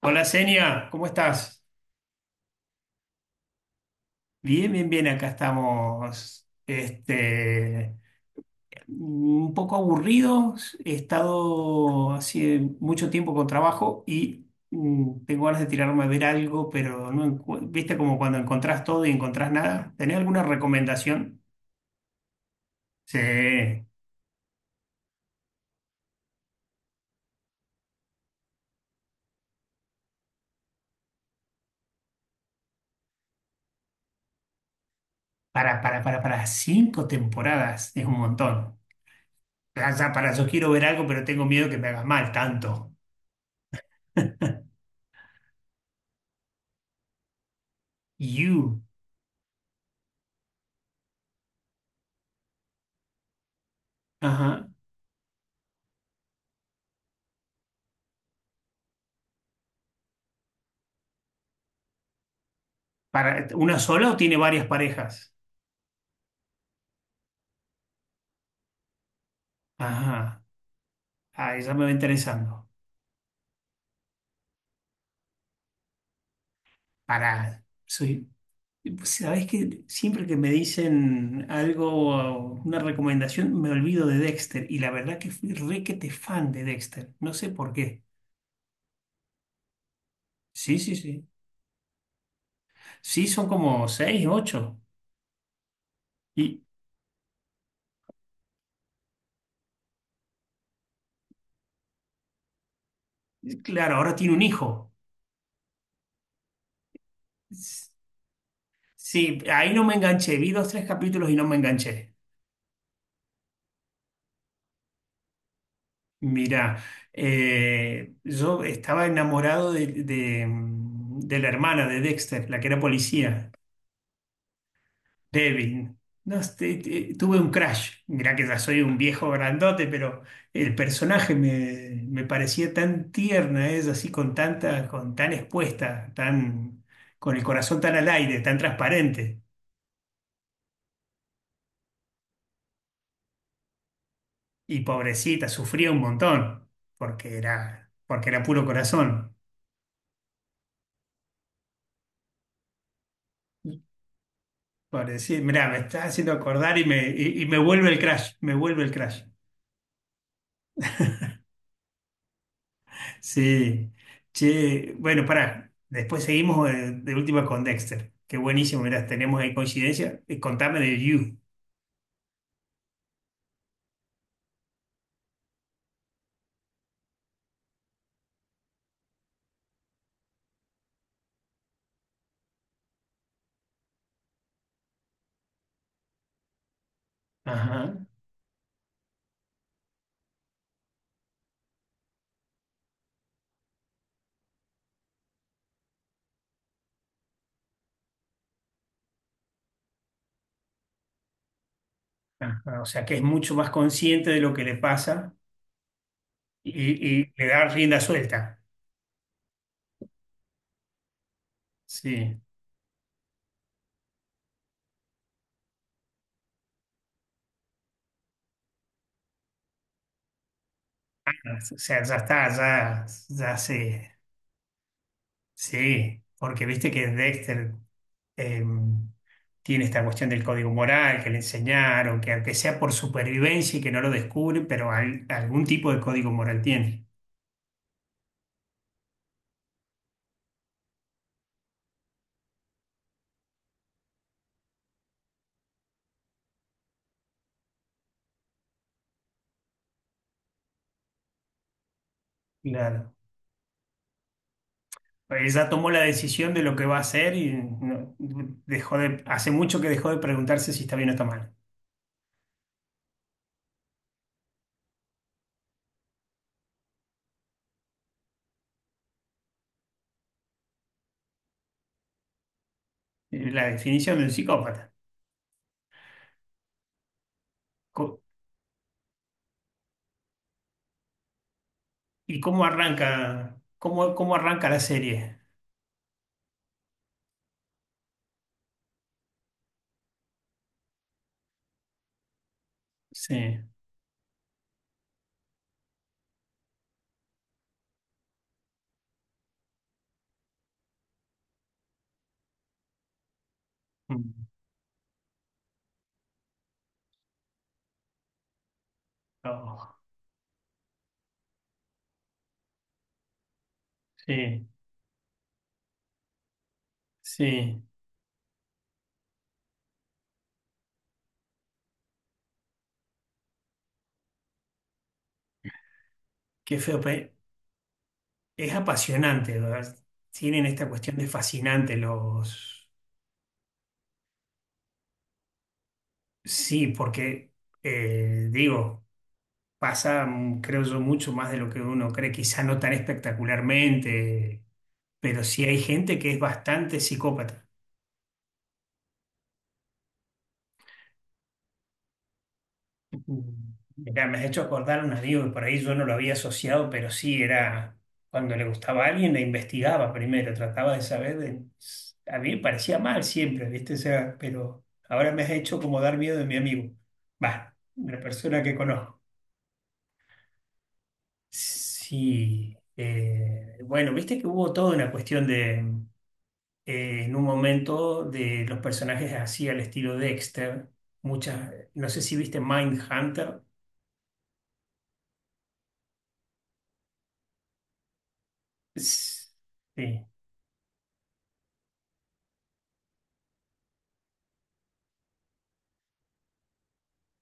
Hola Senia, ¿cómo estás? Bien, bien, bien, acá estamos. Un poco aburridos, he estado hace mucho tiempo con trabajo y tengo ganas de tirarme a ver algo, pero no encu- viste como cuando encontrás todo y encontrás nada. ¿Tenés alguna recomendación? Sí, para cinco temporadas, es un montón. Ya, ya, para eso quiero ver algo, pero tengo miedo que me haga mal tanto. You. Ajá. ¿Para una sola o tiene varias parejas? Ajá, ah, ya me va interesando. Pará, soy. ¿Sabés que siempre que me dicen algo, una recomendación, me olvido de Dexter? Y la verdad que fui requete fan de Dexter. No sé por qué. Sí, sí, sí. Sí, son como seis, ocho. Y claro, ahora tiene un hijo. S- Sí, ahí no me enganché. Vi dos, tres capítulos y no me enganché. Mirá, yo estaba enamorado de la hermana de Dexter, la que era policía, Devin. No, tuve un crush. Mirá que ya soy un viejo grandote, pero el personaje me parecía tan tierna, es así con tanta, con tan expuesta, tan, con el corazón tan al aire, tan transparente. Y pobrecita, sufría un montón, porque era puro corazón. Parecido, mirá, me está haciendo acordar y me vuelve el crash, me vuelve el crash. Sí, che, bueno, pará, después seguimos última con Dexter. Qué buenísimo, mirá, tenemos ahí coincidencia. Contame de You. Ajá, ajá, o sea, que es mucho más consciente de lo que le pasa y le da rienda suelta. Sí, o sea, ya está, ya se. Sí, porque viste que Dexter eh, tiene esta cuestión del código moral que le enseñaron, que aunque sea por supervivencia y que no lo descubren, pero algún tipo de código moral tiene. Claro. Ella tomó la decisión de lo que va a hacer y dejó de, hace mucho que dejó de preguntarse si está bien o está mal. La definición de un psicópata. Co- ¿Y cómo arranca, cómo, cómo arranca la serie? Sí. Mm. Oh, sí. Sí, qué feo. Es apasionante, ¿verdad? Tienen esta cuestión de fascinante los... Sí, porque, digo, pasa, creo yo, mucho más de lo que uno cree, quizá no tan espectacularmente, pero sí hay gente que es bastante psicópata. Mm. Mirá, me has hecho acordar a un amigo que por ahí yo no lo había asociado, pero sí era cuando le gustaba a alguien, la investigaba primero, trataba de saber. A mí me parecía mal siempre, ¿viste? O sea, pero ahora me has hecho como dar miedo de mi amigo. Va, la persona que conozco. Sí, bueno, viste que hubo toda una cuestión de, en un momento, de los personajes así al estilo Dexter. Muchas, no sé si viste Mindhunter. Sí.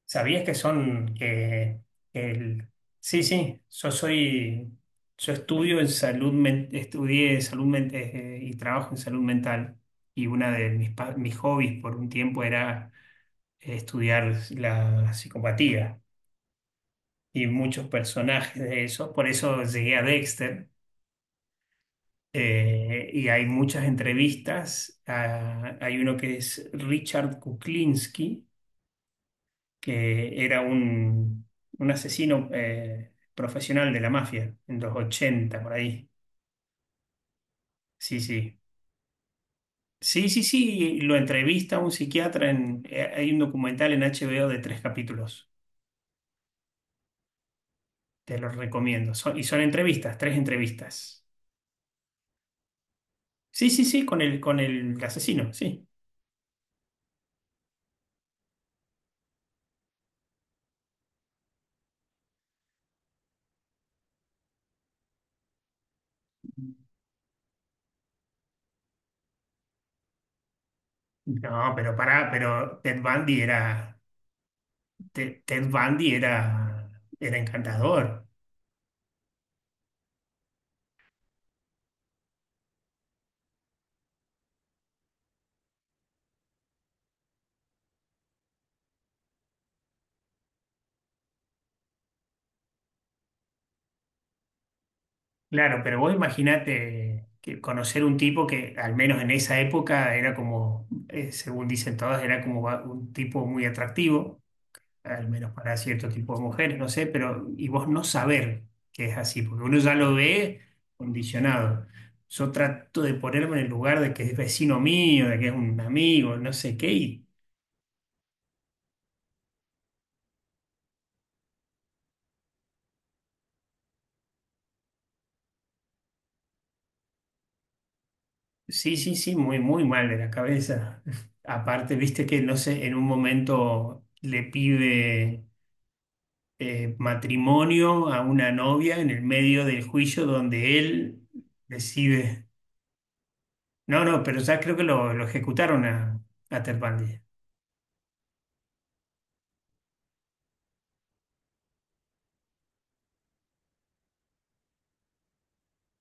¿Sabías que son que el sí, sí, yo estudio en salud men- estudié y trabajo en salud mental y una de mis hobbies por un tiempo era estudiar la psicopatía y muchos personajes de eso, por eso llegué a Dexter. Y hay muchas entrevistas. Ah, hay uno que es Richard Kuklinski que era un asesino profesional de la mafia en los 80 por ahí. Sí, sí. Sí, sí, sí, lo entrevista un psiquiatra en, hay un documental en HBO de tres capítulos. Te lo recomiendo. Son entrevistas, tres entrevistas. Sí, sí, sí, con con el asesino, sí. No, pero pará, pero Ted, Ted Bundy era, era encantador. Claro, pero vos imaginate que conocer un tipo que, al menos en esa época, era como, según dicen todas, era como un tipo muy atractivo, al menos para cierto tipo de mujeres, no sé, pero y vos no saber que es así, porque uno ya lo ve condicionado. Yo trato de ponerme en el lugar de que es vecino mío, de que es un amigo, no sé qué, y sí, sí, sí, muy, muy mal de la cabeza. Aparte, viste que, no sé, en un momento le pide. Matrimonio a una novia en el medio del juicio donde él decide. No, no, pero ya creo que lo ejecutaron a Terpandi.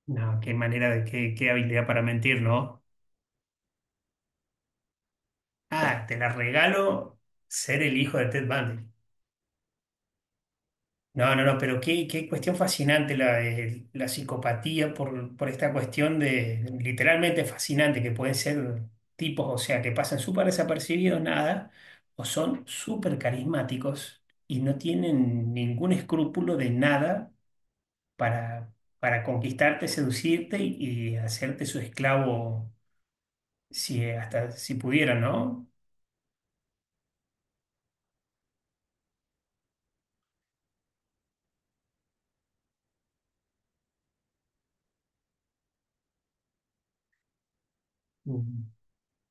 No, qué manera de qué habilidad para mentir, ¿no? Ah, te la regalo ser el hijo de Ted Bundy. No, no, no, pero qué cuestión fascinante de la psicopatía por esta cuestión de literalmente fascinante que pueden ser tipos, o sea, que pasan súper desapercibidos, nada, o son súper carismáticos y no tienen ningún escrúpulo de nada para, para conquistarte, seducirte y hacerte su esclavo si hasta si pudieran, ¿no? Mm.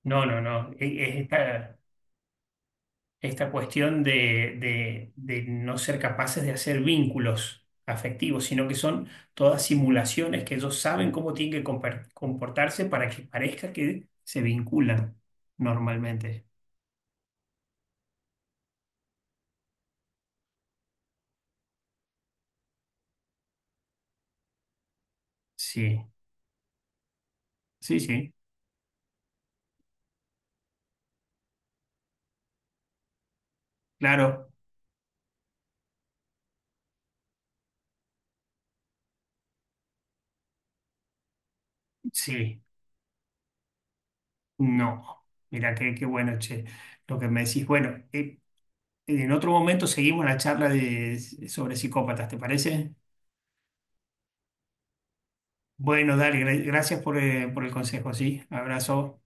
No, no, no. Esta cuestión de, de no ser capaces de hacer vínculos afectivos, sino que son todas simulaciones que ellos saben cómo tienen que comportarse para que parezca que se vinculan normalmente. Sí, sí, sí, claro, sí, no. Mira, qué bueno, che, lo que me decís. Bueno, en otro momento seguimos la charla de, sobre psicópatas, ¿te parece? Bueno, dale, gracias por el consejo, sí. Abrazo.